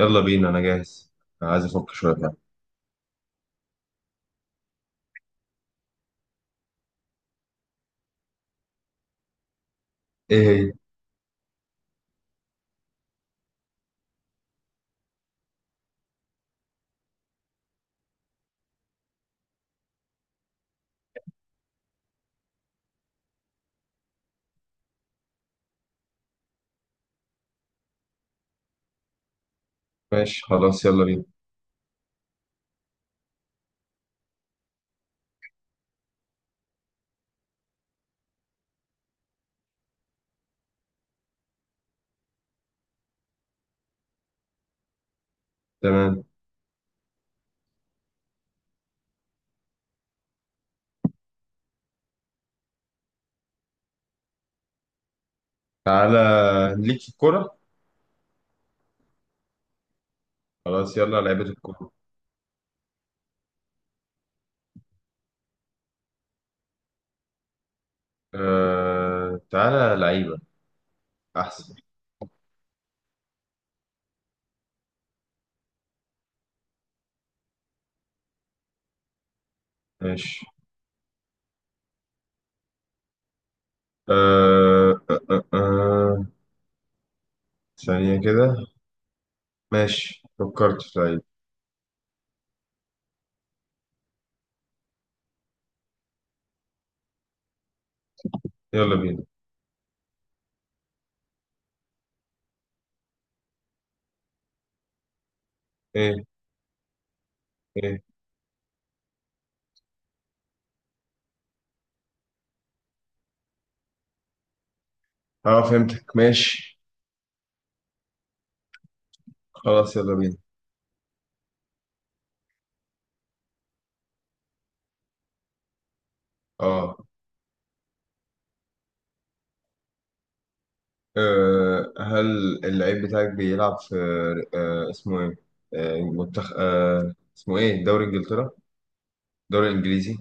يلا بينا، انا جاهز. عايز افك شويه بقى. ايه هي؟ ماشي، خلاص، يلا بينا. تمام. تعالى، ليك في الكوره. خلاص، يلا لعيبه الكوره. تعالى لعيبه احسن. ماشي. آه... آه... آه... آه. ثانيه كده. ماشي، فكرت في لعيب. يلا بينا. ايه، ايه. اه، فهمتك، ماشي. خلاص، يلا بينا. اه أه هل اللعيب بتاعك بيلعب في اسمه ايه؟ منتخب اسمه ايه؟ دوري انجلترا؟ دوري انجليزي؟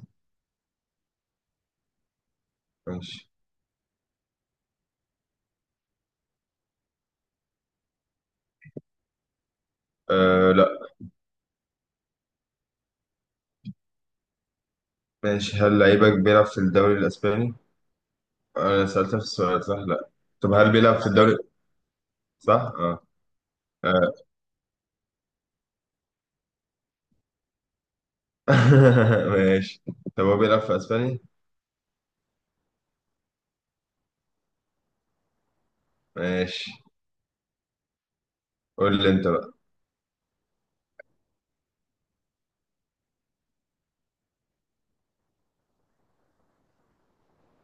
ماشي. لا. ماشي، هل لعيبك بيلعب في الدوري الاسباني؟ انا سألت نفس السؤال، صح؟ لا. طب هل بيلعب في الدوري، صح؟ اه، آه. ماشي. طب هو بيلعب في اسباني؟ ماشي، قول لي انت بقى.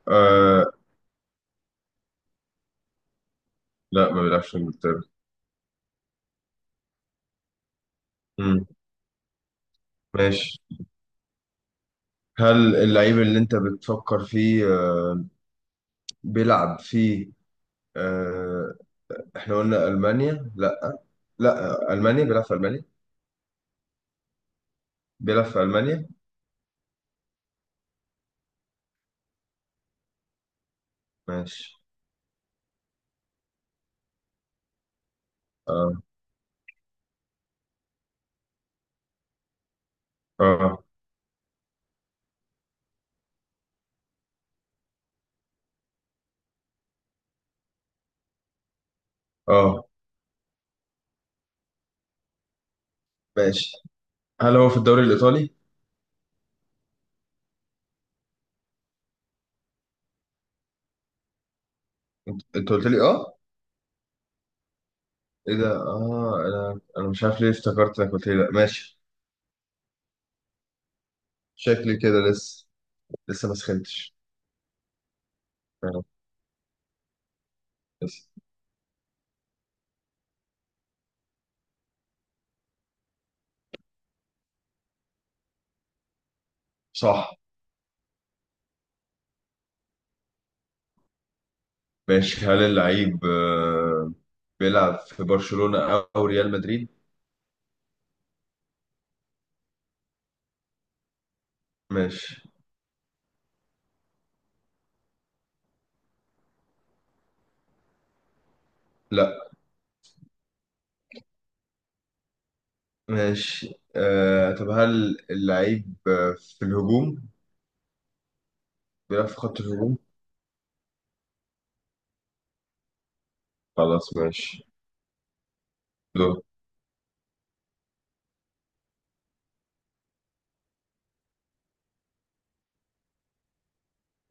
أه لا، ما بيلعبش في انجلترا. مم. ماشي، هل اللعيب اللي انت بتفكر فيه بيلعب في آه، احنا قلنا ألمانيا، لا. لا ألمانيا، بيلعب في ألمانيا. بيلعب في ألمانيا. ماشي. اه، اه، اه. ماشي، هل هو في الدوري الإيطالي؟ انت قلت لي، اه. ايه ده؟ اه انا مش عارف ليه افتكرت انك قلت لي لا. ماشي. شكلي كده لسه ما سخنتش. آه، لسه. صح. ماشي، هل اللعيب بيلعب في برشلونة أو ريال مدريد؟ ماشي. لا. ماشي، طب هل اللعيب في الهجوم، بيلعب في خط الهجوم؟ خلاص، ماشي. دور.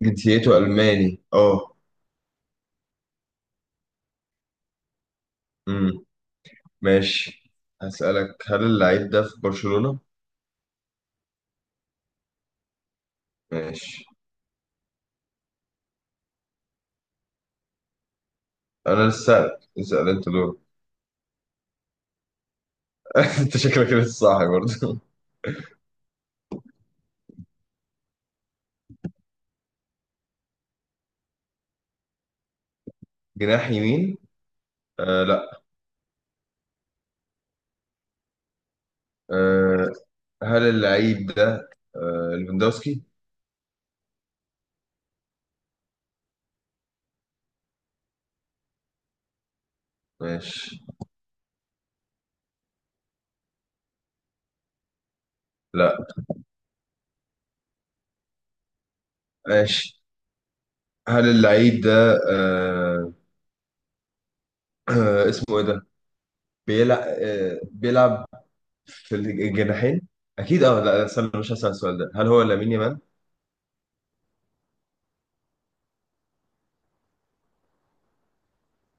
جنسيته ألماني، اه. امم. ماشي، هسألك، هل اللعيب ده في برشلونة؟ ماشي. أنا لسه سألك، اسأل أنت دور. أنت شكلك لسه صاحي برضه. جناح يمين؟ لا. آه هل اللعيب ده ليفاندوسكي؟ ماشي. لا. ماشي، هل اللعيب ده اسمه إيه ده؟ بيلعب في الجناحين اكيد، اه، لا، لا، استنى، مش هسأل السؤال ده. هل هو لامين يامال؟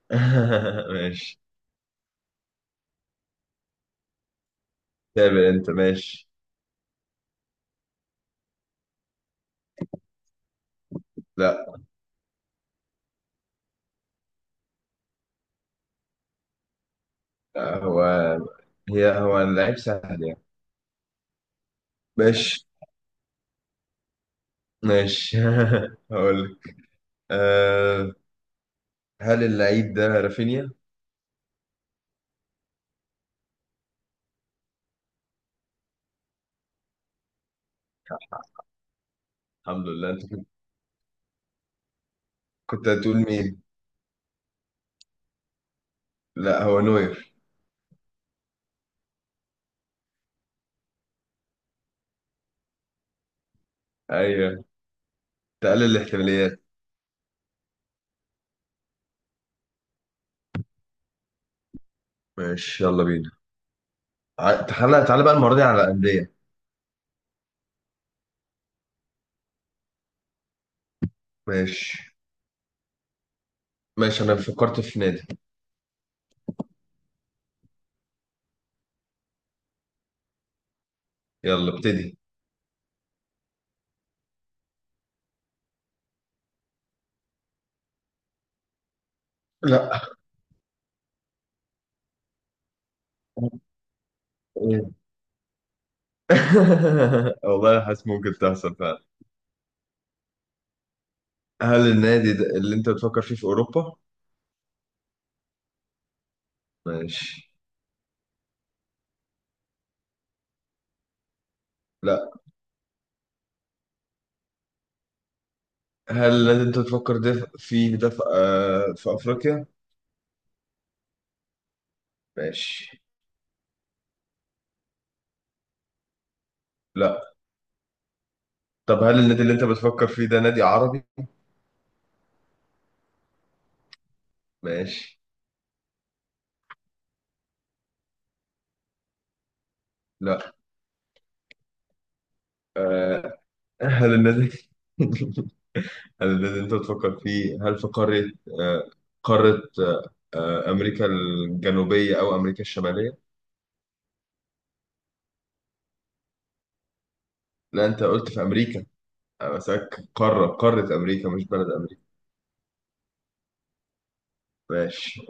ماشي. تابع انت. ماشي. لا، هو هو اللعيب سهل يعني. ماشي، ماشي. هقول لك، أه هل اللعيب ده رافينيا؟ الحمد لله، انت كنت. كنت هتقول مين؟ لا، هو نوير. ايوه. تقلل الاحتماليات. ماشي، يلا بينا. تعالى تعالى بقى، المرة دي على الأندية. ماشي. ماشي، أنا فكرت في نادي. يلا ابتدي. لا. والله، حاسس ممكن تحصل فعلا. هل النادي ده اللي انت بتفكر فيه في اوروبا؟ ماشي. لا. هل النادي اللي انت بتفكر فيه ده في افريقيا؟ ماشي. لا. طب هل النادي اللي انت بتفكر فيه ده نادي عربي؟ ماشي. لا. آه، هل النادي هل النادي اللي انت بتفكر فيه، هل في قارة، آه قارة آه امريكا الجنوبية او امريكا الشمالية؟ لا، انت قلت في امريكا. انا بسألك قارة، قارة امريكا، مش بلد امريكا. ماشي.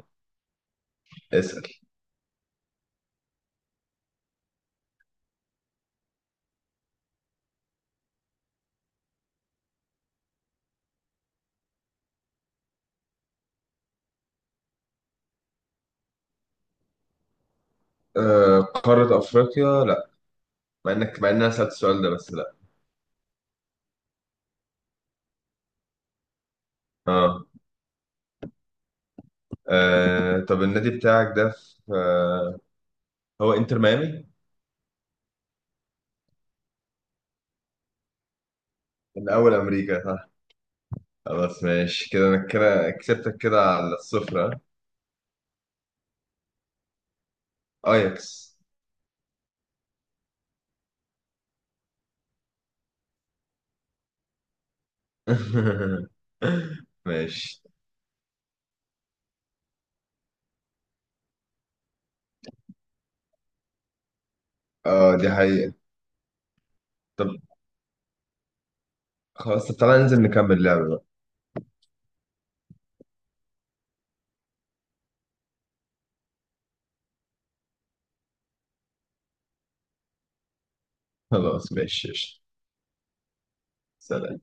اسأل. آه، قارة أفريقيا، لا. مع إن أنا سألت السؤال ده، بس لا. آه, طب، النادي بتاعك ده في آه هو إنتر ميامي؟ الأول أمريكا، صح. خلاص، ماشي كده، أنا كده كسبتك كده على الصفر، آه. أياكس. ماشي. دي حقيقة. طب خلاص، طب تعالى ننزل نكمل لعبة بقى. خلاص، ماشي، قشطة. سلام.